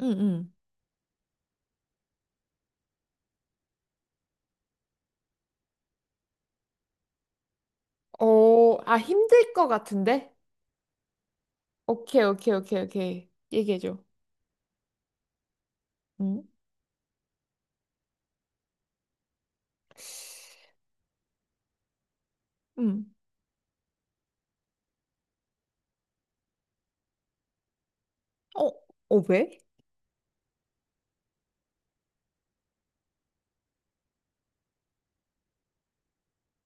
응, 응. 어, 아, 힘들 것 같은데? 오케이, 오케이, 오케이, 오케이. 얘기해줘. 응, 응. 어, 어, 왜?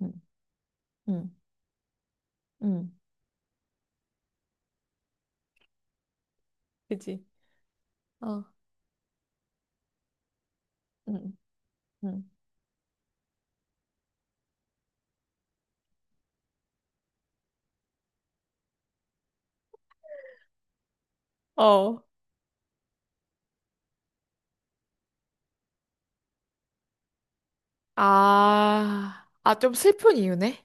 응, 응, 응. 그치? 어, 응, 응. 어. 아, 아, 좀 슬픈 이유네?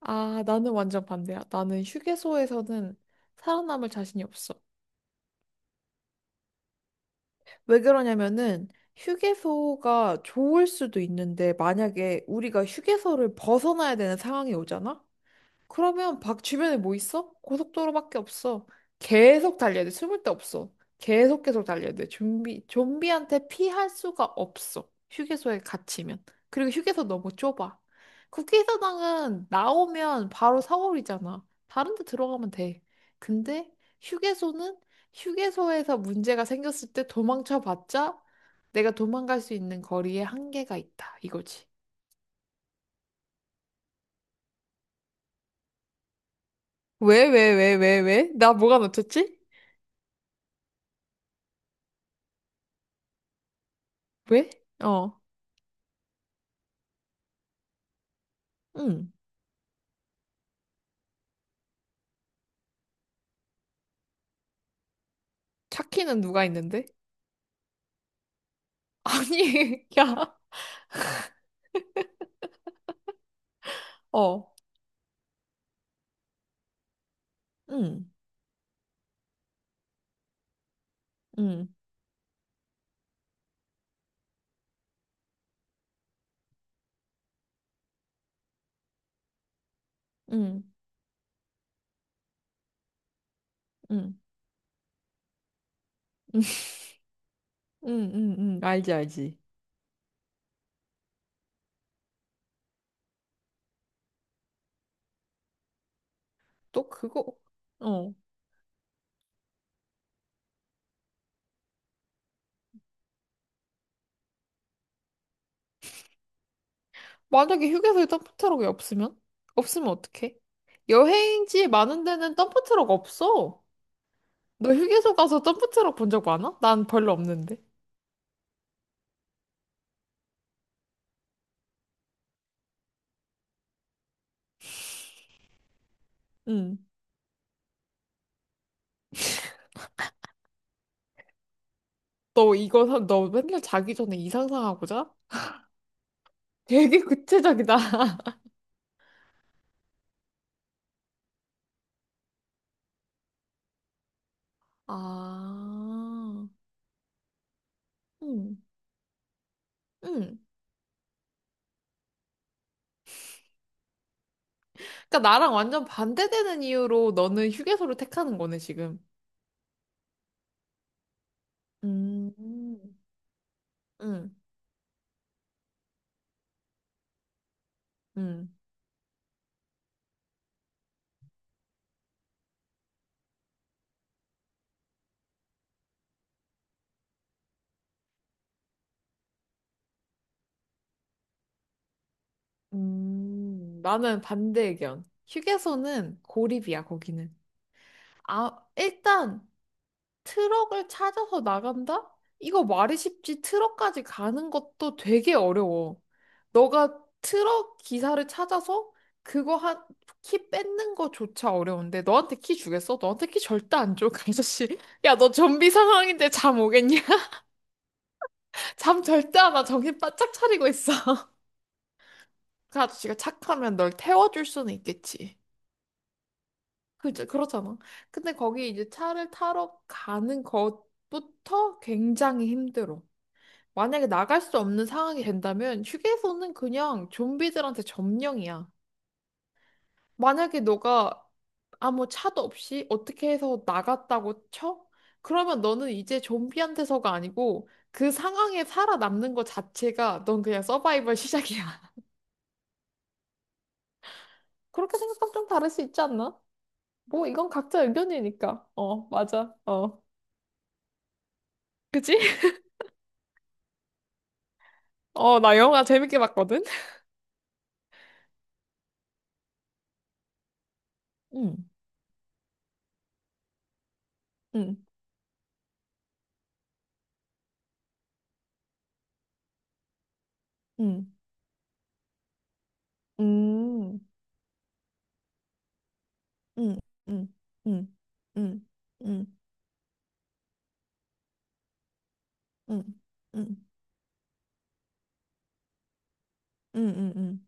아, 나는 완전 반대야. 나는 휴게소에서는 살아남을 자신이 없어. 왜 그러냐면은, 휴게소가 좋을 수도 있는데, 만약에 우리가 휴게소를 벗어나야 되는 상황이 오잖아? 그러면 밖 주변에 뭐 있어? 고속도로밖에 없어. 계속 달려야 돼. 숨을 데 없어. 계속 계속 달려야 돼. 좀비, 좀비한테 피할 수가 없어. 휴게소에 갇히면. 그리고 휴게소 너무 좁아. 국회의사당은 나오면 바로 사거리잖아. 다른 데 들어가면 돼. 근데 휴게소는 휴게소에서 문제가 생겼을 때 도망쳐봤자 내가 도망갈 수 있는 거리에 한계가 있다. 이거지. 왜, 왜, 왜, 왜, 왜? 나 뭐가 놓쳤지? 왜? 어. 응, 차키는 누가 있는데? 아니, 야, 어, 응, 응, 응, 응, 응, 응, 응, 알지, 알지. 또 그거. 어, 만약에 휴게소에 덤프트럭이 없으면? 없으면 어떡해? 여행지 많은 데는 덤프트럭 없어. 너 휴게소 가서 덤프트럭 본 적 많아? 난 별로 없는데. 응. 너 이거, 너 맨날 자기 전에 이 상상하고 자? 되게 구체적이다. 아, 응, 응. 그러니까 나랑 완전 반대되는 이유로 너는 휴게소를 택하는 거네, 지금. 음, 응, 응, 나는 반대 의견. 휴게소는 고립이야, 거기는. 아, 일단 트럭을 찾아서 나간다? 이거 말이 쉽지 트럭까지 가는 것도 되게 어려워. 너가 트럭 기사를 찾아서 그거 한, 키 뺏는 거조차 어려운데 너한테 키 주겠어? 너한테 키 절대 안 줘, 그 아저씨. 야, 너 좀비 상황인데 잠 오겠냐? 잠 절대 안 와. 정신 바짝 차리고 있어. 그 아저씨가 착하면 널 태워줄 수는 있겠지. 그죠? 그렇잖아. 근데 거기 이제 차를 타러 가는 것부터 굉장히 힘들어. 만약에 나갈 수 없는 상황이 된다면 휴게소는 그냥 좀비들한테 점령이야. 만약에 너가 아무 차도 없이 어떻게 해서 나갔다고 쳐? 그러면 너는 이제 좀비한테서가 아니고 그 상황에 살아남는 것 자체가 넌 그냥 서바이벌 시작이야. 그렇게 생각하면 좀 다를 수 있지 않나? 뭐 이건 각자 의견이니까. 어, 맞아. 어. 그지? 어, 나 영화 재밌게 봤거든? 응, 응, 응, 응, 응, 응, 응, 응, 응, 응, 응, 응,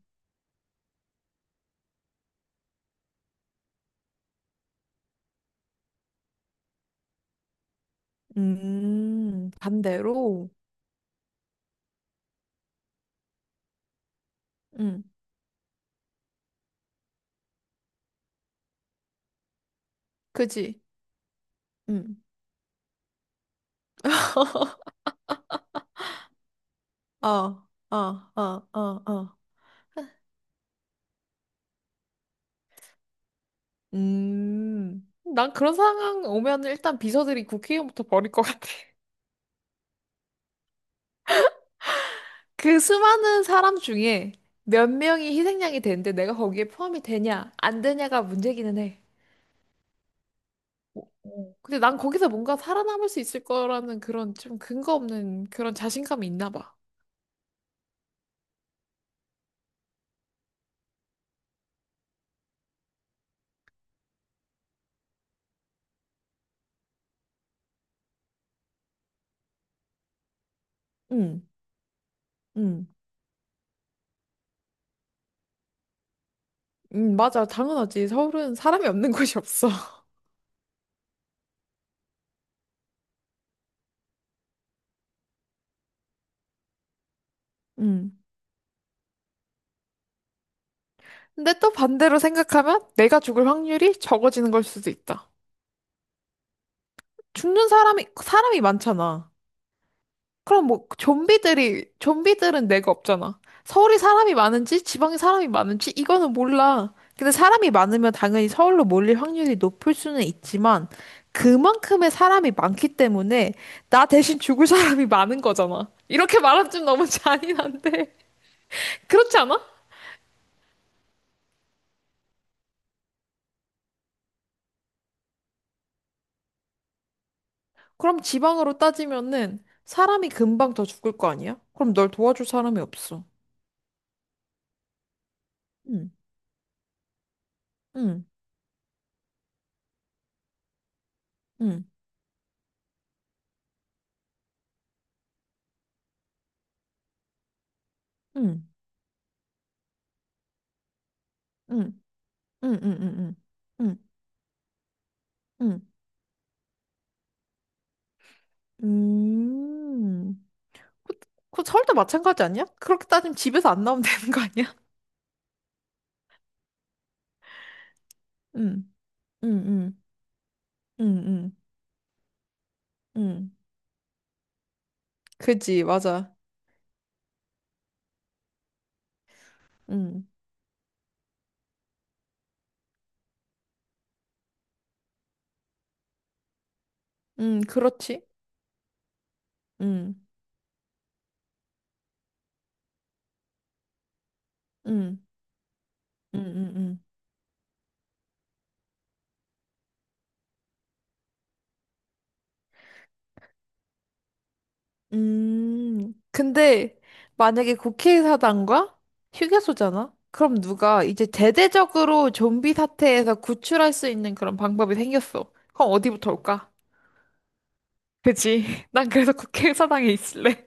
응, 응. 반대로? 응, 그지? 응, 어, 어, 어, 어, 어. 음. 난 그런 상황 오면 일단 비서들이 국회의원부터 버릴 것 같아. 그 수많은 사람 중에 몇 명이 희생양이 되는데 내가 거기에 포함이 되냐, 안 되냐가 문제기는 해. 어, 어. 근데 난 거기서 뭔가 살아남을 수 있을 거라는 그런 좀 근거 없는 그런 자신감이 있나 봐. 응, 응, 응, 맞아. 당연하지. 서울은 사람이 없는 곳이 없어. 응. 근데 또 반대로 생각하면 내가 죽을 확률이 적어지는 걸 수도 있다. 죽는 사람이, 사람이 많잖아. 그럼 뭐 좀비들이 좀비들은 내가 없잖아. 서울이 사람이 많은지 지방이 사람이 많은지 이거는 몰라. 근데 사람이 많으면 당연히 서울로 몰릴 확률이 높을 수는 있지만 그만큼의 사람이 많기 때문에 나 대신 죽을 사람이 많은 거잖아. 이렇게 말하면 좀 너무 잔인한데. 그렇지 않아? 그럼 지방으로 따지면은 사람이 금방 더 죽을 거 아니야? 그럼 널 도와줄 사람이 없어. 응, 응, 응, 응, 응, 응, 응, 응, 응, 응. 응. 음, 그, 그 설도 마찬가지 아니야? 그렇게 따지면 집에서 안 나오면 되는 거 아니야? 응, 응, 응, 응, 응, 응, 그지, 맞아. 응 응, 그렇지. 응, 응, 응, 응, 응. 근데 만약에 국회의사당과 휴게소잖아? 그럼 누가 이제 대대적으로 좀비 사태에서 구출할 수 있는 그런 방법이 생겼어. 그럼 어디부터 올까? 그치? 난 그래서 국회의사당에 있을래.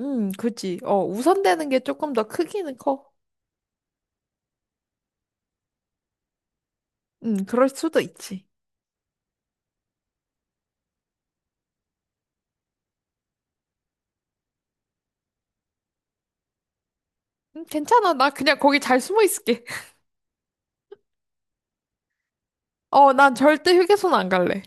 그지. 어, 우선되는 게 조금 더 크기는 커. 그럴 수도 있지. 괜찮아. 나 그냥 거기 잘 숨어 있을게. 어, 난 절대 휴게소는 안 갈래.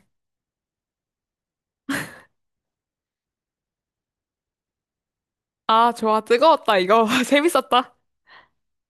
아, 좋아. 뜨거웠다, 이거. 재밌었다.